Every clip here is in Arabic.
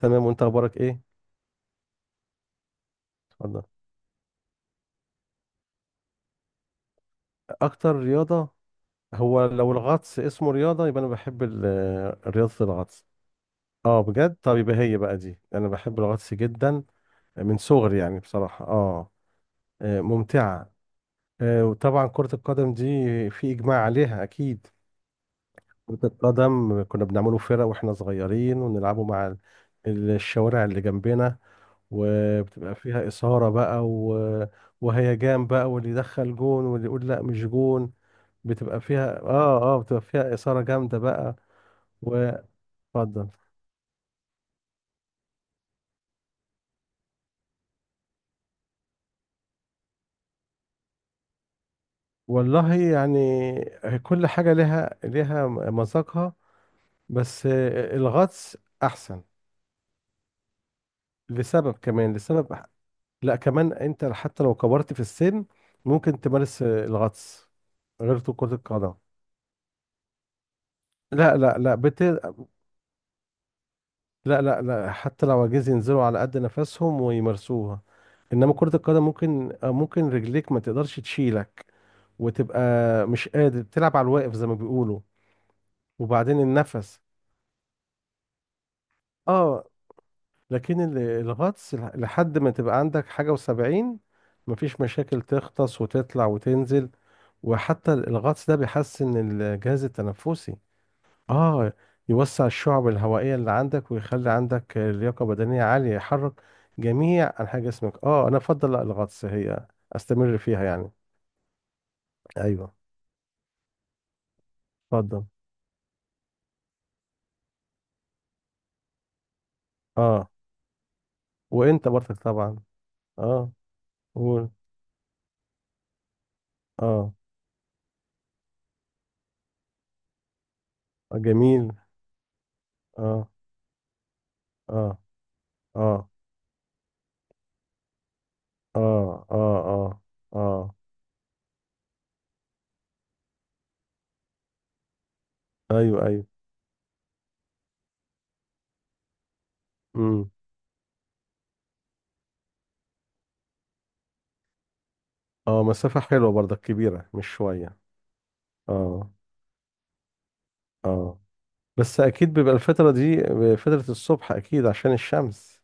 تمام، وانت اخبارك ايه؟ اتفضل. اكتر رياضه. هو لو الغطس اسمه رياضه، يبقى انا بحب رياضه الغطس. اه بجد. طب يبقى هي بقى دي، انا بحب الغطس جدا من صغري، يعني بصراحه. ممتعه. وطبعا كره القدم دي، في اجماع عليها اكيد. كره القدم كنا بنعمله فرق واحنا صغيرين، ونلعبه مع الشوارع اللي جنبنا. وبتبقى فيها إثارة بقى، وهيجان بقى، واللي يدخل جون واللي يقول لا مش جون. بتبقى فيها إثارة جامدة بقى. واتفضل. والله يعني، كل حاجة لها مذاقها. بس الغطس أحسن، لسبب، كمان لسبب. لا كمان، أنت حتى لو كبرت في السن ممكن تمارس الغطس، غير كرة القدم. لا لا لا لا لا لا، حتى لو عايزين ينزلوا على قد نفسهم ويمارسوها. انما كرة القدم، ممكن رجليك ما تقدرش تشيلك، وتبقى مش قادر، بتلعب على الواقف زي ما بيقولوا. وبعدين النفس. اه لكن الغطس لحد ما تبقى عندك حاجة و70، مفيش مشاكل، تغطس وتطلع وتنزل. وحتى الغطس ده بيحسن الجهاز التنفسي. اه يوسع الشعب الهوائية اللي عندك، ويخلي عندك لياقة بدنية عالية، يحرك جميع أنحاء جسمك. اه، أنا أفضل، لا الغطس، هي أستمر فيها يعني. أيوه. اتفضل. اه وأنت برضك طبعا. اه. قول. اه. جميل. اه. اه. اه. اه. اه. اه. اه. ايوه ايوه. امم. اه، مسافة حلوة برضك، كبيرة مش شوية. اه. اه. بس اكيد بيبقى الفترة دي فترة الصبح، اكيد عشان الشمس.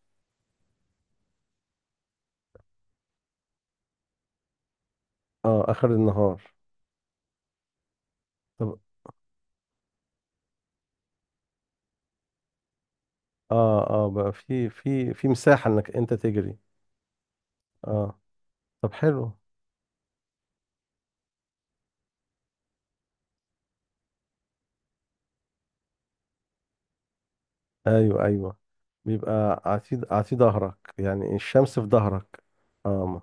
اه، اخر النهار. طب. اه بقى في مساحة انك انت تجري. اه طب حلو. ايوه ايوه. بيبقى عتيد عتيد ظهرك، يعني الشمس في ظهرك. اه.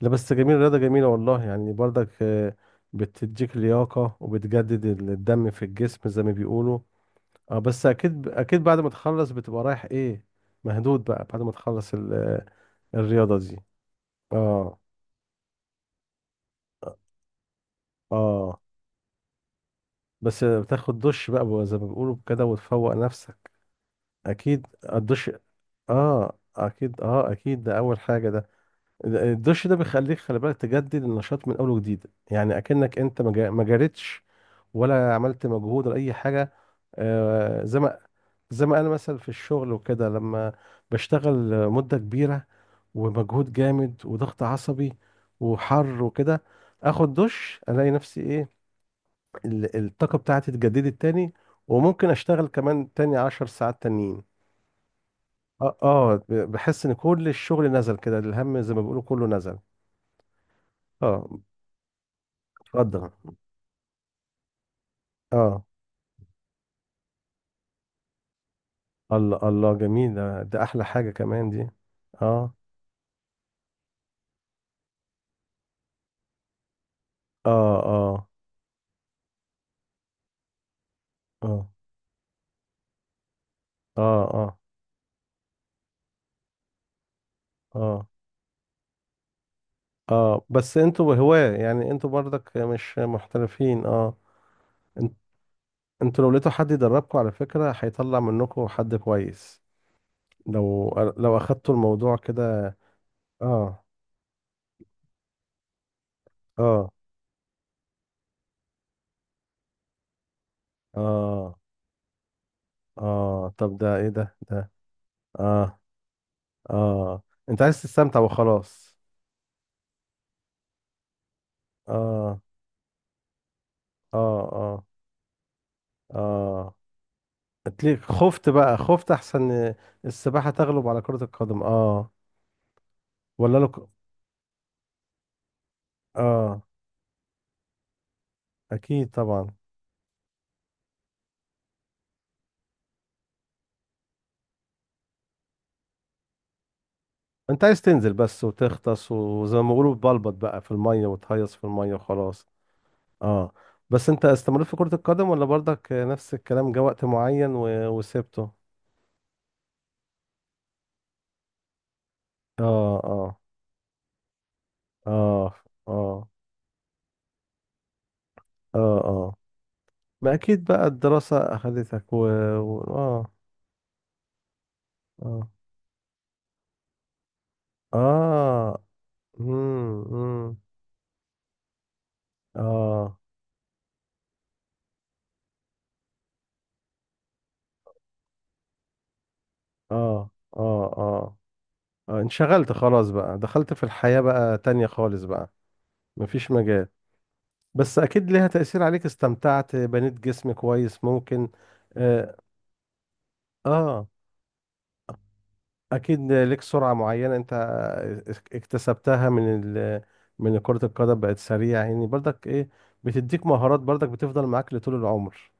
لا بس جميل، الرياضة جميلة والله يعني برضك. آه، بتديك لياقة، وبتجدد الدم في الجسم زي ما بيقولوا. اه بس اكيد اكيد بعد ما تخلص بتبقى رايح ايه، مهدود بقى، بعد ما تخلص الرياضة دي. اه. اه بس بتاخد دش بقى زي ما بيقولوا كده، وتفوق نفسك. اكيد. الدش. اه اكيد، اه اكيد، ده اول حاجة ده. الدش ده بيخليك، خلي بالك، تجدد النشاط من اول وجديد، يعني اكنك انت ما جريتش، ولا عملت مجهود ولا اي حاجه. آه، زي ما زي ما انا مثلا في الشغل وكده، لما بشتغل مده كبيره، ومجهود جامد وضغط عصبي وحر وكده، اخد دش الاقي نفسي ايه، الطاقه بتاعتي اتجددت تاني، وممكن اشتغل كمان تاني 10 ساعات تانيين. اه، بحس ان كل الشغل نزل كده، الهم زي ما بيقولوا كله نزل. اه. اتفضل. اه، الله الله، جميل ده, احلى حاجة كمان دي. اه. اه. اه. اه. اه. اه. اه. اه. بس انتوا هواة، يعني انتوا برضك مش محترفين. اه. انت- انتوا لو لقيتوا حد يدربكم، على فكرة هيطلع منكم حد كويس. لو لو اخدتوا الموضوع كده. اه. اه. اه. اه طب ده ايه ده. اه اه، انت عايز تستمتع وخلاص. اه. اه. اه. اه اتليك، خفت بقى، خفت احسن. السباحة تغلب على كرة القدم اه. ولا لك. اه اكيد طبعا. انت عايز تنزل بس وتغطس، وزي ما بيقولوا بلبط بقى في المية، وتهيص في المية وخلاص. اه بس انت استمريت في كرة القدم، ولا برضك نفس الكلام، جه وقت معين وسبته. اه. اه. اه. اه. اه. اه. ما اكيد بقى الدراسة اخذتك. اه. اه. اه. امم. اه. اه. اه. اه. انشغلت خلاص بقى، دخلت في الحياة بقى تانية خالص بقى. مفيش مجال. بس اكيد ليها تأثير عليك، استمتعت، بنيت جسم كويس ممكن. اه. آه. اكيد ليك سرعة معينة انت اكتسبتها من كرة القدم، بقت سريعة يعني برضك ايه. بتديك مهارات برضك، بتفضل معاك لطول العمر.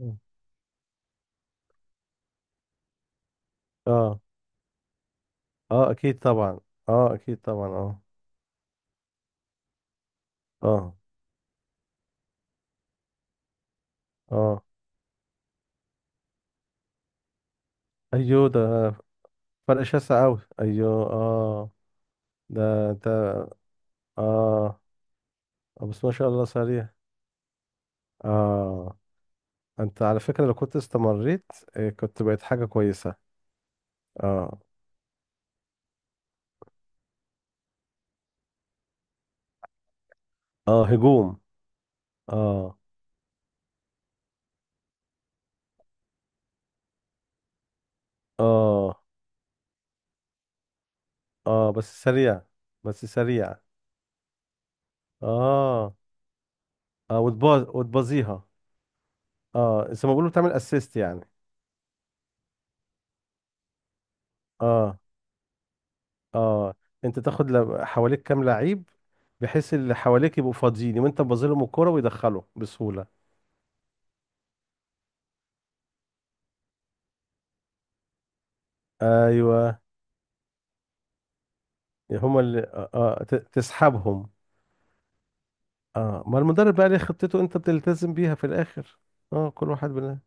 مم. اه. اه اكيد طبعا. اه اكيد طبعا. اه. اه. اه. ايوه ده، فرق شاسع اوي، ايوه اه. ده انت. اه بس ما شاء الله سريع. اه، انت على فكرة لو كنت استمريت آه، كنت بقيت حاجة كويسة. اه. اه، هجوم. اه. اه. اه، بس سريع بس سريع. اه اه، وتبازيها. اه، زي ما بيقولوا بتعمل اسيست يعني. اه. اه انت تاخد حواليك كام لعيب، بحيث اللي حواليك يبقوا فاضيين، وانت تبازلهم الكرة، ويدخلوا بسهولة. ايوه، هما اللي تسحبهم. اه، ما المدرب بقى ليه خطته، انت بتلتزم بيها في الاخر. اه، كل واحد بنا.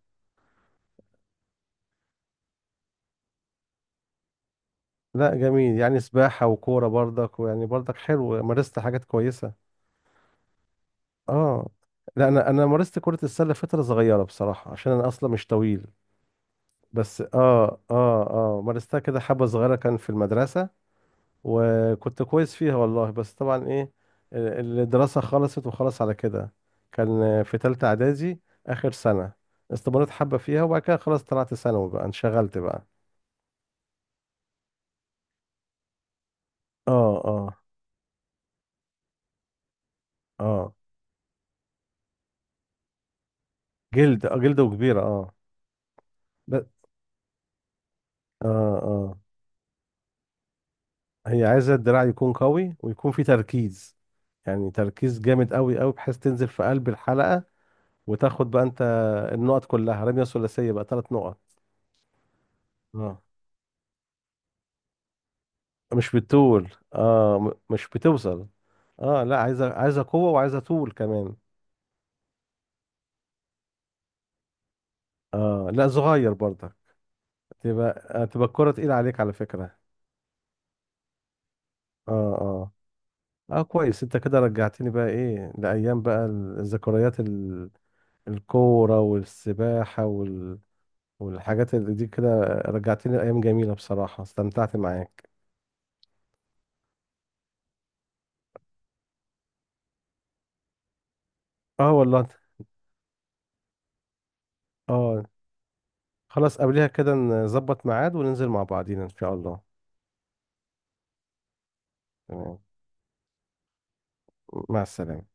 لا جميل، يعني سباحة وكورة برضك، ويعني برضك حلو، مارست حاجات كويسة. اه. لا انا مارست كرة السلة فترة صغيرة بصراحة، عشان انا اصلا مش طويل. بس اه. اه. اه مارستها كده حبة صغيرة، كان في المدرسة. وكنت كويس فيها والله، بس طبعا ايه، الدراسة خلصت وخلص على كده. كان في تالتة اعدادي، اخر سنة. استمريت حبة فيها، وبعد كده خلاص طلعت ثانوي بقى، انشغلت بقى. اه. اه. اه، جلد، اه جلده كبيرة اه. بس اه. اه. هي عايزة الدراع يكون قوي، ويكون فيه تركيز، يعني تركيز جامد قوي قوي، بحيث تنزل في قلب الحلقة، وتاخد بقى انت النقط كلها، رمية ثلاثية بقى، 3 نقط. اه، مش بتطول اه. مش بتوصل. اه لا، عايزة قوة، وعايزة طول كمان. اه لا، صغير برضك، تبقى الكرة تقيلة عليك على فكرة. اه. آه. اه كويس، انت كده رجعتني بقى ايه لايام بقى، الذكريات، الكوره والسباحه والحاجات اللي دي كده، رجعتني لايام جميله بصراحه، استمتعت معاك. اه والله اه خلاص، قبلها كده نظبط ميعاد، وننزل مع بعضينا ان شاء الله. تمام. مع السلامه.